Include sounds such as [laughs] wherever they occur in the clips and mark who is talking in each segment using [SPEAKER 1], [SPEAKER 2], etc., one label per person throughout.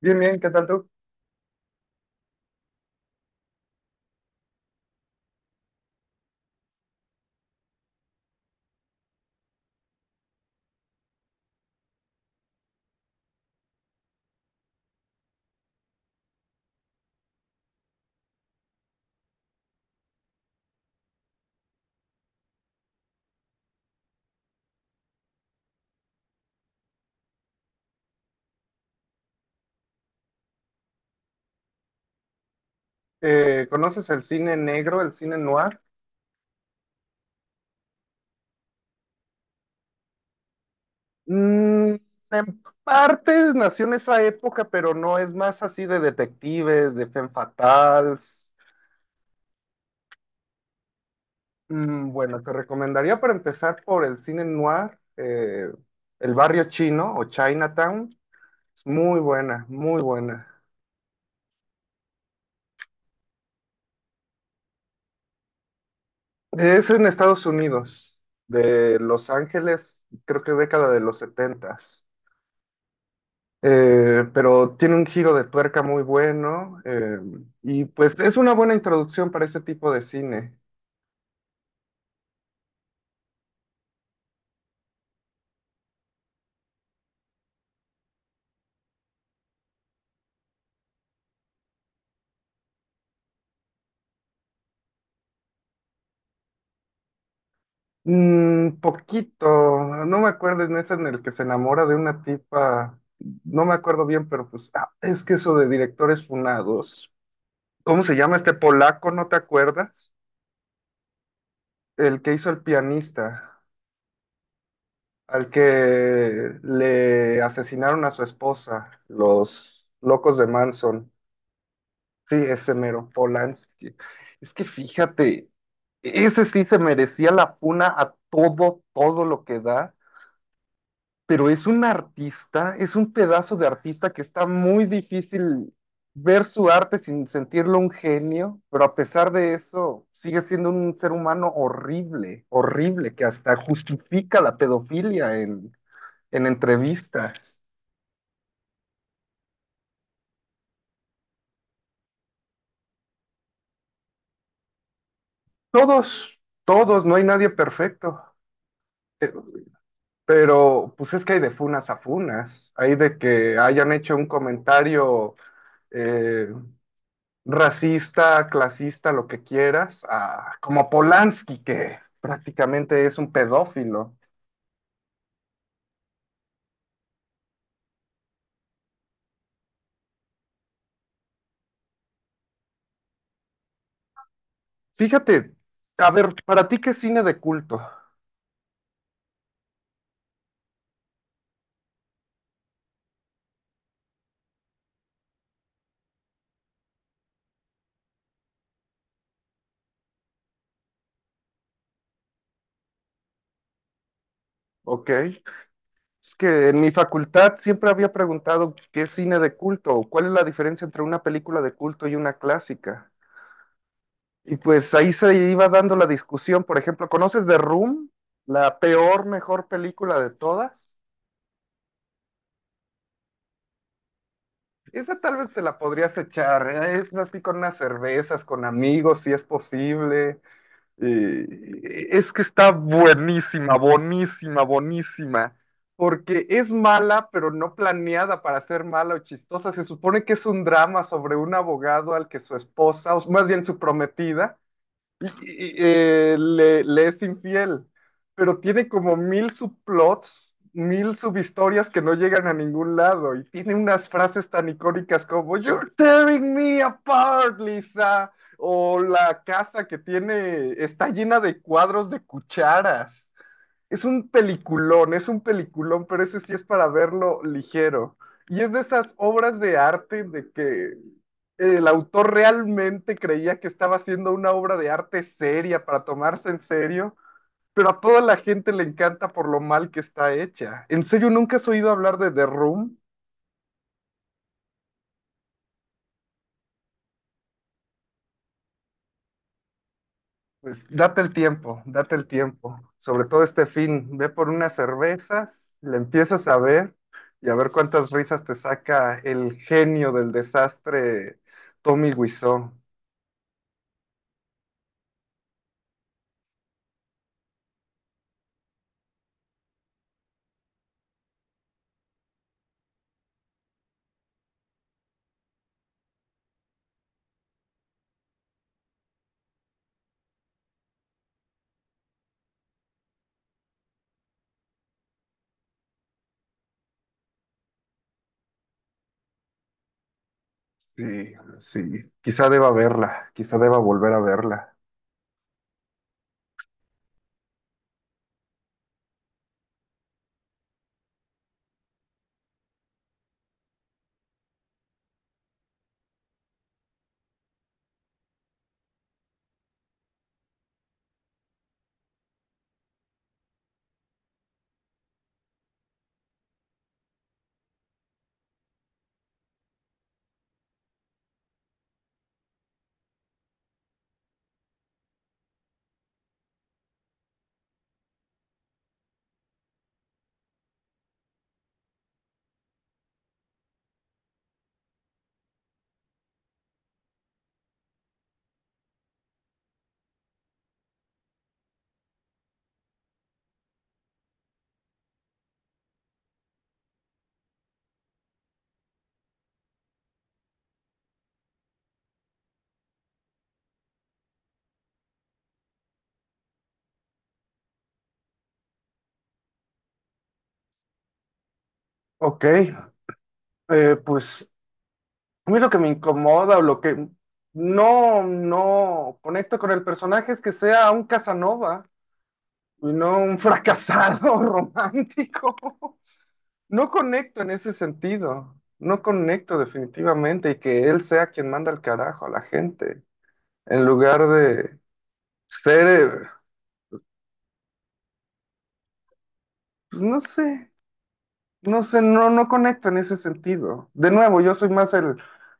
[SPEAKER 1] Bien, bien, ¿qué tal tú? ¿Conoces el cine negro, el cine noir? Mm, en partes nació en esa época, pero no es más así de detectives, de femme fatales. Bueno, te recomendaría para empezar por el cine noir, El Barrio Chino o Chinatown. Es muy buena, muy buena. Es en Estados Unidos, de Los Ángeles, creo que década de los setentas. Pero tiene un giro de tuerca muy bueno, y pues es una buena introducción para ese tipo de cine. Poquito, no me acuerdo en ese en el que se enamora de una tipa, no me acuerdo bien, pero pues es que eso de directores funados. ¿Cómo se llama este polaco? ¿No te acuerdas? El que hizo El pianista, al que le asesinaron a su esposa, los locos de Manson. Sí, ese mero Polanski. Es que fíjate, ese sí se merecía la funa a todo, todo lo que da, pero es un artista, es un pedazo de artista que está muy difícil ver su arte sin sentirlo un genio, pero a pesar de eso sigue siendo un ser humano horrible, horrible, que hasta justifica la pedofilia en entrevistas. Todos, todos, no hay nadie perfecto. Eh, Pero pues es que hay de funas a funas, hay de que hayan hecho un comentario eh, racista, clasista, lo que quieras, como Polanski, que prácticamente es un pedófilo. Fíjate, a ver, ¿para ti qué es cine de culto? Ok, es que en mi facultad siempre había preguntado qué es cine de culto, o cuál es la diferencia entre una película de culto y una clásica. Y pues ahí se iba dando la discusión, por ejemplo, ¿conoces The Room? La peor, mejor película de todas. Esa tal vez te la podrías echar, ¿eh? Es así con unas cervezas, con amigos, si es posible. Eh, es que está buenísima, buenísima, buenísima, porque es mala, pero no planeada para ser mala o chistosa. Se supone que es un drama sobre un abogado al que su esposa, o más bien su prometida, y- le es infiel, pero tiene como mil subplots, mil subhistorias que no llegan a ningún lado y tiene unas frases tan icónicas como You're tearing me apart, Lisa, o la casa que tiene está llena de cuadros de cucharas. Es un peliculón, pero ese sí es para verlo ligero. Y es de esas obras de arte de que el autor realmente creía que estaba haciendo una obra de arte seria para tomarse en serio, pero a toda la gente le encanta por lo mal que está hecha. ¿En serio nunca has oído hablar de The Room? Pues date el tiempo, sobre todo este fin, ve por unas cervezas, le empiezas a ver y a ver cuántas risas te saca el genio del desastre, Tommy Wiseau. Sí, sí, quizá deba verla, quizá deba volver a verla. Ok, pues a mí lo que me incomoda o lo que no, no conecto con el personaje es que sea un Casanova y no un fracasado [laughs] romántico. No conecto en ese sentido, no conecto definitivamente y que él sea quien manda el carajo a la gente, en lugar de ser, pues no sé, no sé, no, no conecto en ese sentido. De nuevo, yo soy más el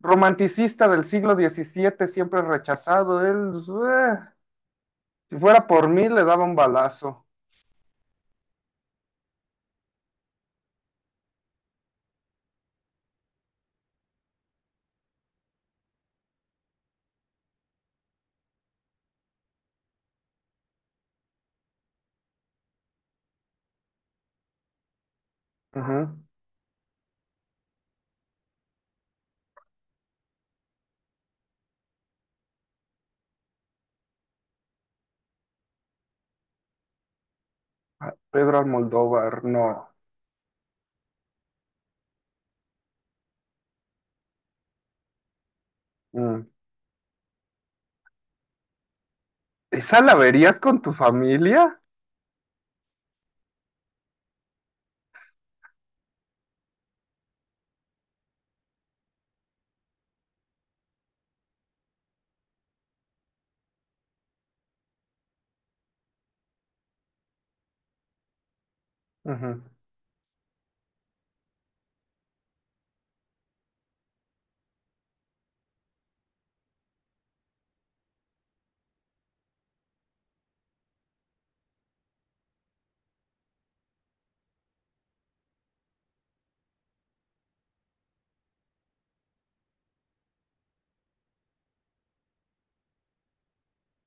[SPEAKER 1] romanticista del siglo XVII, siempre rechazado, él, pues, eh, si fuera por mí, le daba un balazo. Ujú. Pedro Almodóvar, no. Mm. ¿Esa la verías con tu familia? Ujú.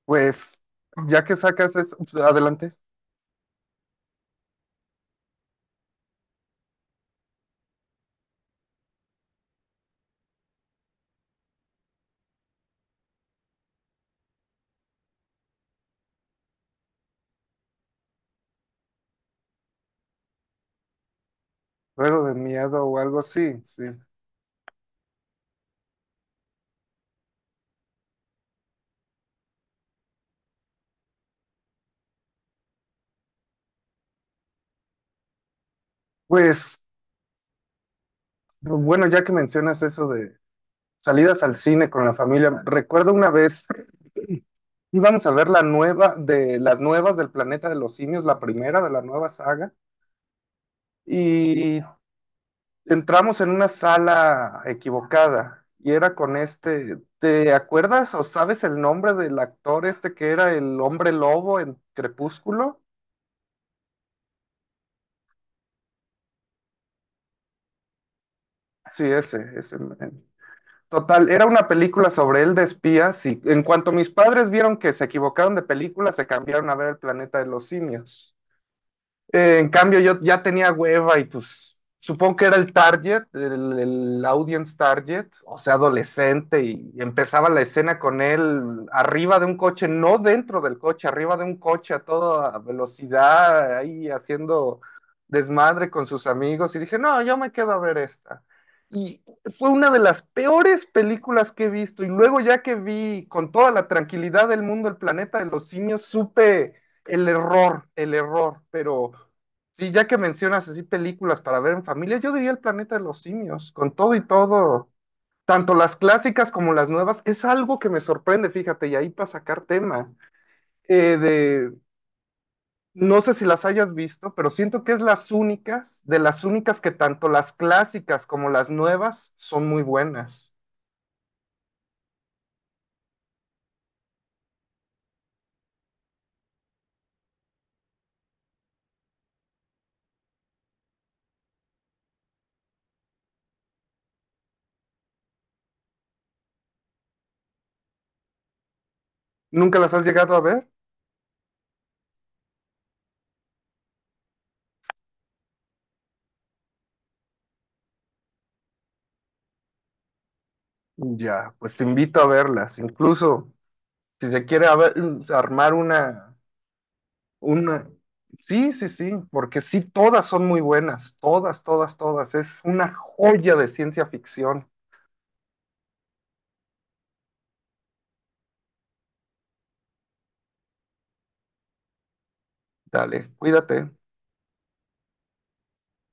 [SPEAKER 1] Pues. Ya que sacas eso, pues, adelante. Pero de miedo o algo así, sí. Pues, bueno, ya que mencionas eso de salidas al cine con la familia, recuerdo una vez, [clears throat] íbamos a ver de las nuevas del Planeta de los Simios, la primera de la nueva saga, y entramos en una sala equivocada, y era con este, ¿te acuerdas o sabes el nombre del actor este que era el hombre lobo en Crepúsculo? Sí, ese, ese. Total, era una película sobre él de espías y en cuanto mis padres vieron que se equivocaron de película, se cambiaron a ver el planeta de los simios. En cambio, yo ya tenía hueva y pues supongo que era el target, el audience target, o sea, adolescente, y empezaba la escena con él arriba de un coche, no dentro del coche, arriba de un coche a toda velocidad, ahí haciendo desmadre con sus amigos, y dije, no, yo me quedo a ver esta. Y fue una de las peores películas que he visto, y luego ya que vi con toda la tranquilidad del mundo el planeta de los simios, supe el error, pero sí, ya que mencionas así películas para ver en familia, yo diría El planeta de los simios, con todo y todo, tanto las clásicas como las nuevas, es algo que me sorprende, fíjate, y ahí para sacar tema, eh, de, no sé si las hayas visto, pero siento que es las únicas, de las únicas que tanto las clásicas como las nuevas son muy buenas. ¿Nunca las has llegado a ver? Ya, pues te invito a verlas, incluso si se quiere armar una, sí, sí, sí, porque sí, todas son muy buenas, todas, todas, todas. Es una joya de ciencia ficción. Dale, cuídate.